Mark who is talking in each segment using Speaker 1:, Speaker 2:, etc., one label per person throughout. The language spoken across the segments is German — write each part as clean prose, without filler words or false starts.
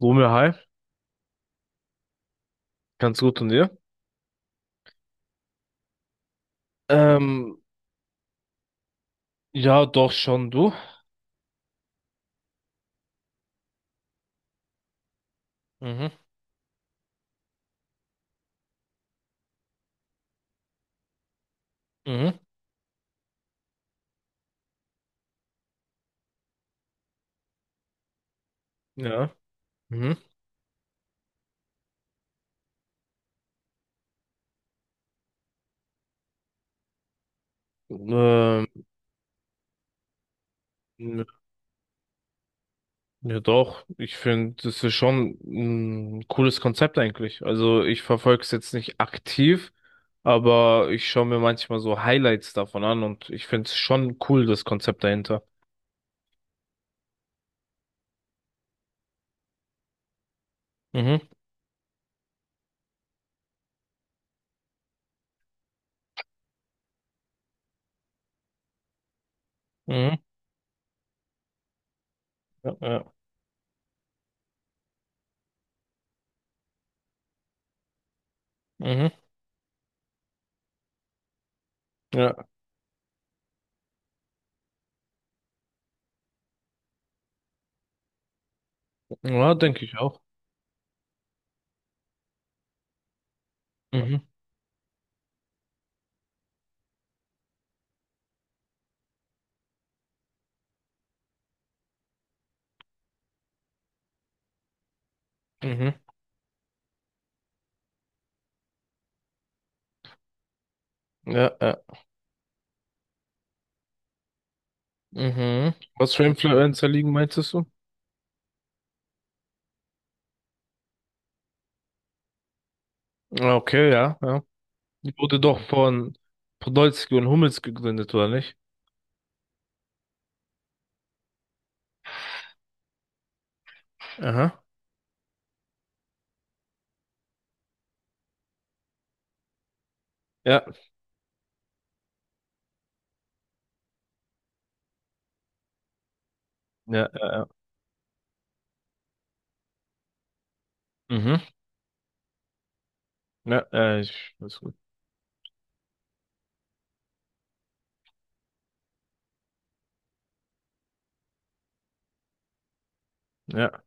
Speaker 1: Romeo, hi, ganz gut und dir? Ähm, ja, doch schon, du. Mhm, mhm, ja, mhm. Ähm, ja, doch, ich finde, das ist schon ein cooles Konzept eigentlich. Also, ich verfolge es jetzt nicht aktiv, aber ich schaue mir manchmal so Highlights davon an und ich finde es schon cool, das Konzept dahinter. Mhm, mhm, ja, ja, mhm, ja, ja, denke ich auch. Mhm, mhm, ja, ja, mhm. Was für Influencer liegen, meintest du? Ja, okay, ja, ja. Die wurde doch von Podolski und Hummels gegründet, oder nicht? Aha. Ja, ja, ja, ja. Mhm. Ja, ja, ich weiß gut. Ja,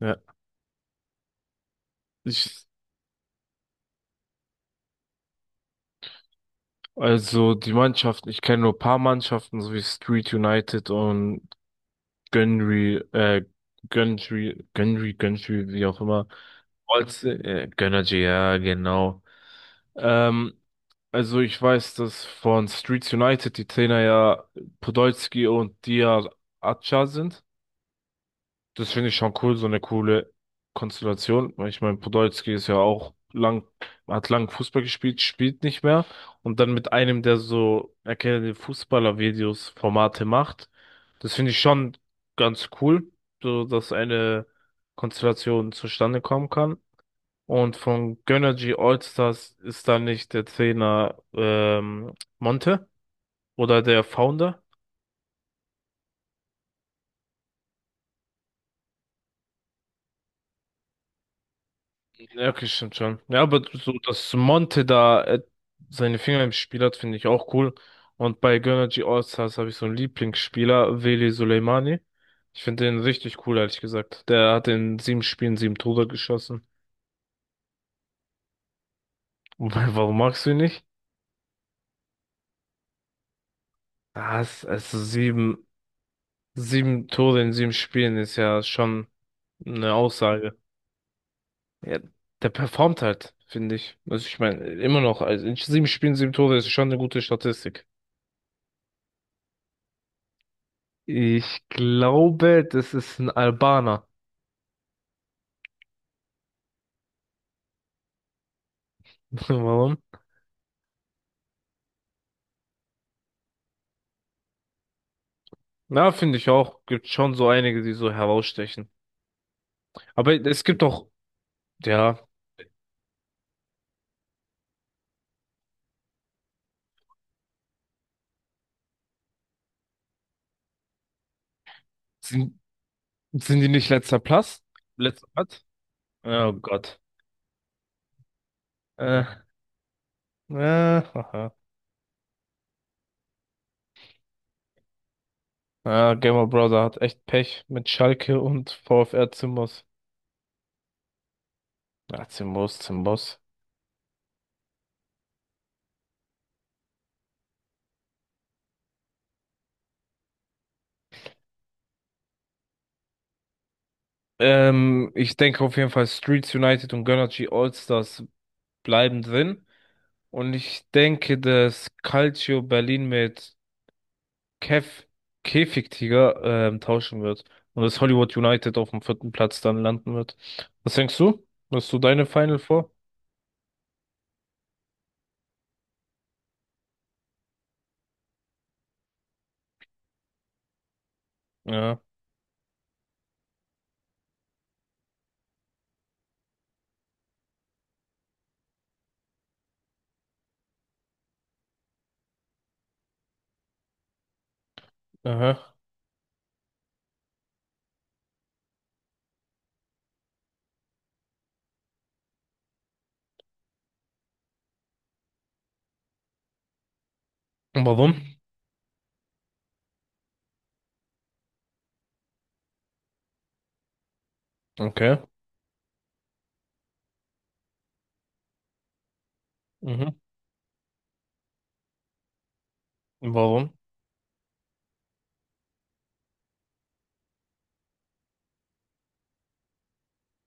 Speaker 1: ja. Ich, also die Mannschaften, ich kenne nur ein paar Mannschaften, so wie Street United und Gönnry, äh, Gönnry, wie auch immer. Gönnergy, ja, genau. Ähm, also ich weiß, dass von Streets United die Trainer ja Podolski und Diar Acha sind. Das finde ich schon cool, so eine coole Konstellation. Weil ich meine, Podolski ist ja auch lang, hat lang Fußball gespielt, spielt nicht mehr. Und dann mit einem, der so erkennende Fußballer-Videos, Formate macht. Das finde ich schon ganz cool, so dass eine Konstellation zustande kommen kann. Und von Gönnergy Allstars ist da nicht der Trainer Monte oder der Founder? Ja, okay, stimmt schon. Ja, aber so, dass Monte da seine Finger im Spiel hat, finde ich auch cool. Und bei Gönnergy Allstars habe ich so einen Lieblingsspieler, Veli Soleimani. Ich finde den richtig cool, ehrlich gesagt. Der hat in sieben Spielen sieben Tore geschossen. Und warum magst du ihn nicht? Also sieben Tore in sieben Spielen ist ja schon eine Aussage. Ja, der performt halt, finde ich. Also ich meine, immer noch, also in sieben Spielen, sieben Tore ist schon eine gute Statistik. Ich glaube, das ist ein Albaner. Warum? Na, finde ich auch. Gibt schon so einige, die so herausstechen. Aber es gibt auch, ja, sind, sind die nicht letzter Platz? Letzter Platz? Oh Gott. Äh, Haha. Ja, Gamer Brother hat echt Pech mit Schalke und VfR Zimbos. Ja, Zimbos, Zimbos. Ich denke auf jeden Fall Streets United und Gönnergy Allstars bleiben drin. Und ich denke, dass Calcio Berlin mit Kev Käfigtiger tauschen wird. Und dass Hollywood United auf dem vierten Platz dann landen wird. Was denkst du? Hast du deine Final vor? Ja. Aha. Und warum? Okay. Mhm. Warum?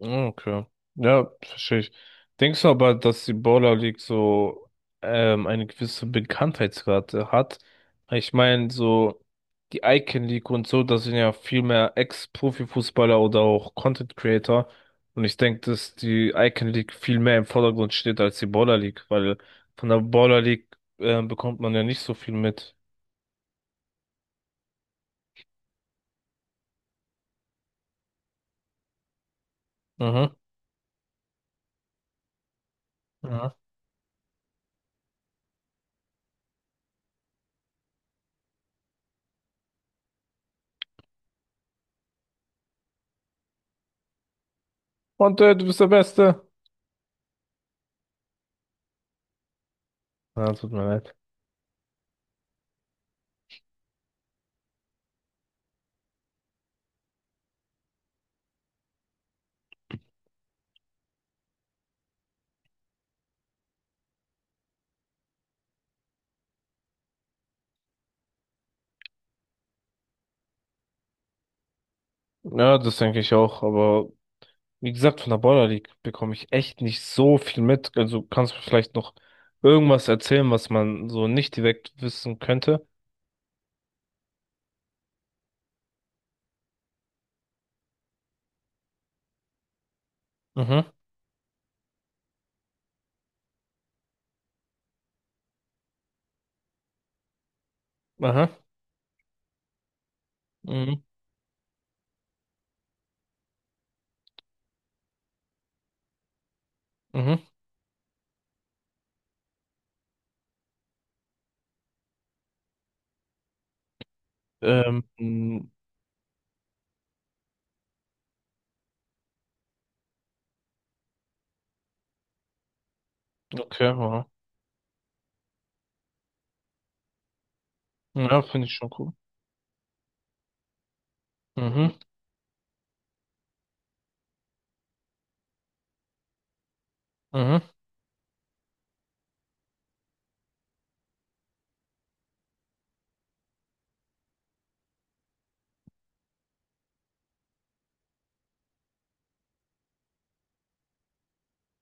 Speaker 1: Ah, okay. Ja, verstehe ich. Denkst du aber, dass die Baller League so eine gewisse Bekanntheitsrate hat? Ich meine, so die Icon League und so, das sind ja viel mehr Ex-Profi-Fußballer oder auch Content Creator. Und ich denke, dass die Icon League viel mehr im Vordergrund steht als die Baller League, weil von der Baller League bekommt man ja nicht so viel mit. Mhm. Mhm. Und du bist der Beste. Ja, tut mir leid. Ja, das denke ich auch, aber wie gesagt, von der Border League bekomme ich echt nicht so viel mit. Also kannst du vielleicht noch irgendwas erzählen, was man so nicht direkt wissen könnte? Mhm, aha, mhm, mhm. Ähm, mh, okay, aha. Ja, finde ich schon cool. Mhm, mhm.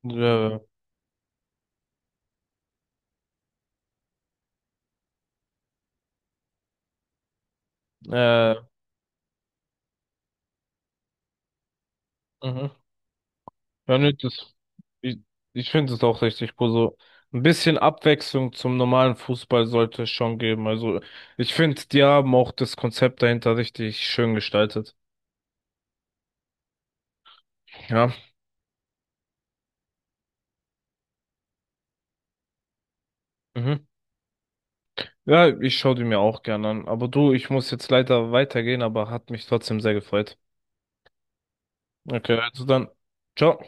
Speaker 1: Äh, äh, mhm. Ja, nee, ich, ich finde es auch richtig cool. So ein bisschen Abwechslung zum normalen Fußball sollte es schon geben. Also ich finde, die haben auch das Konzept dahinter richtig schön gestaltet. Ja. Mhm. Ja, ich schaue die mir auch gerne an. Aber du, ich muss jetzt leider weitergehen, aber hat mich trotzdem sehr gefreut. Okay, also dann. Ciao.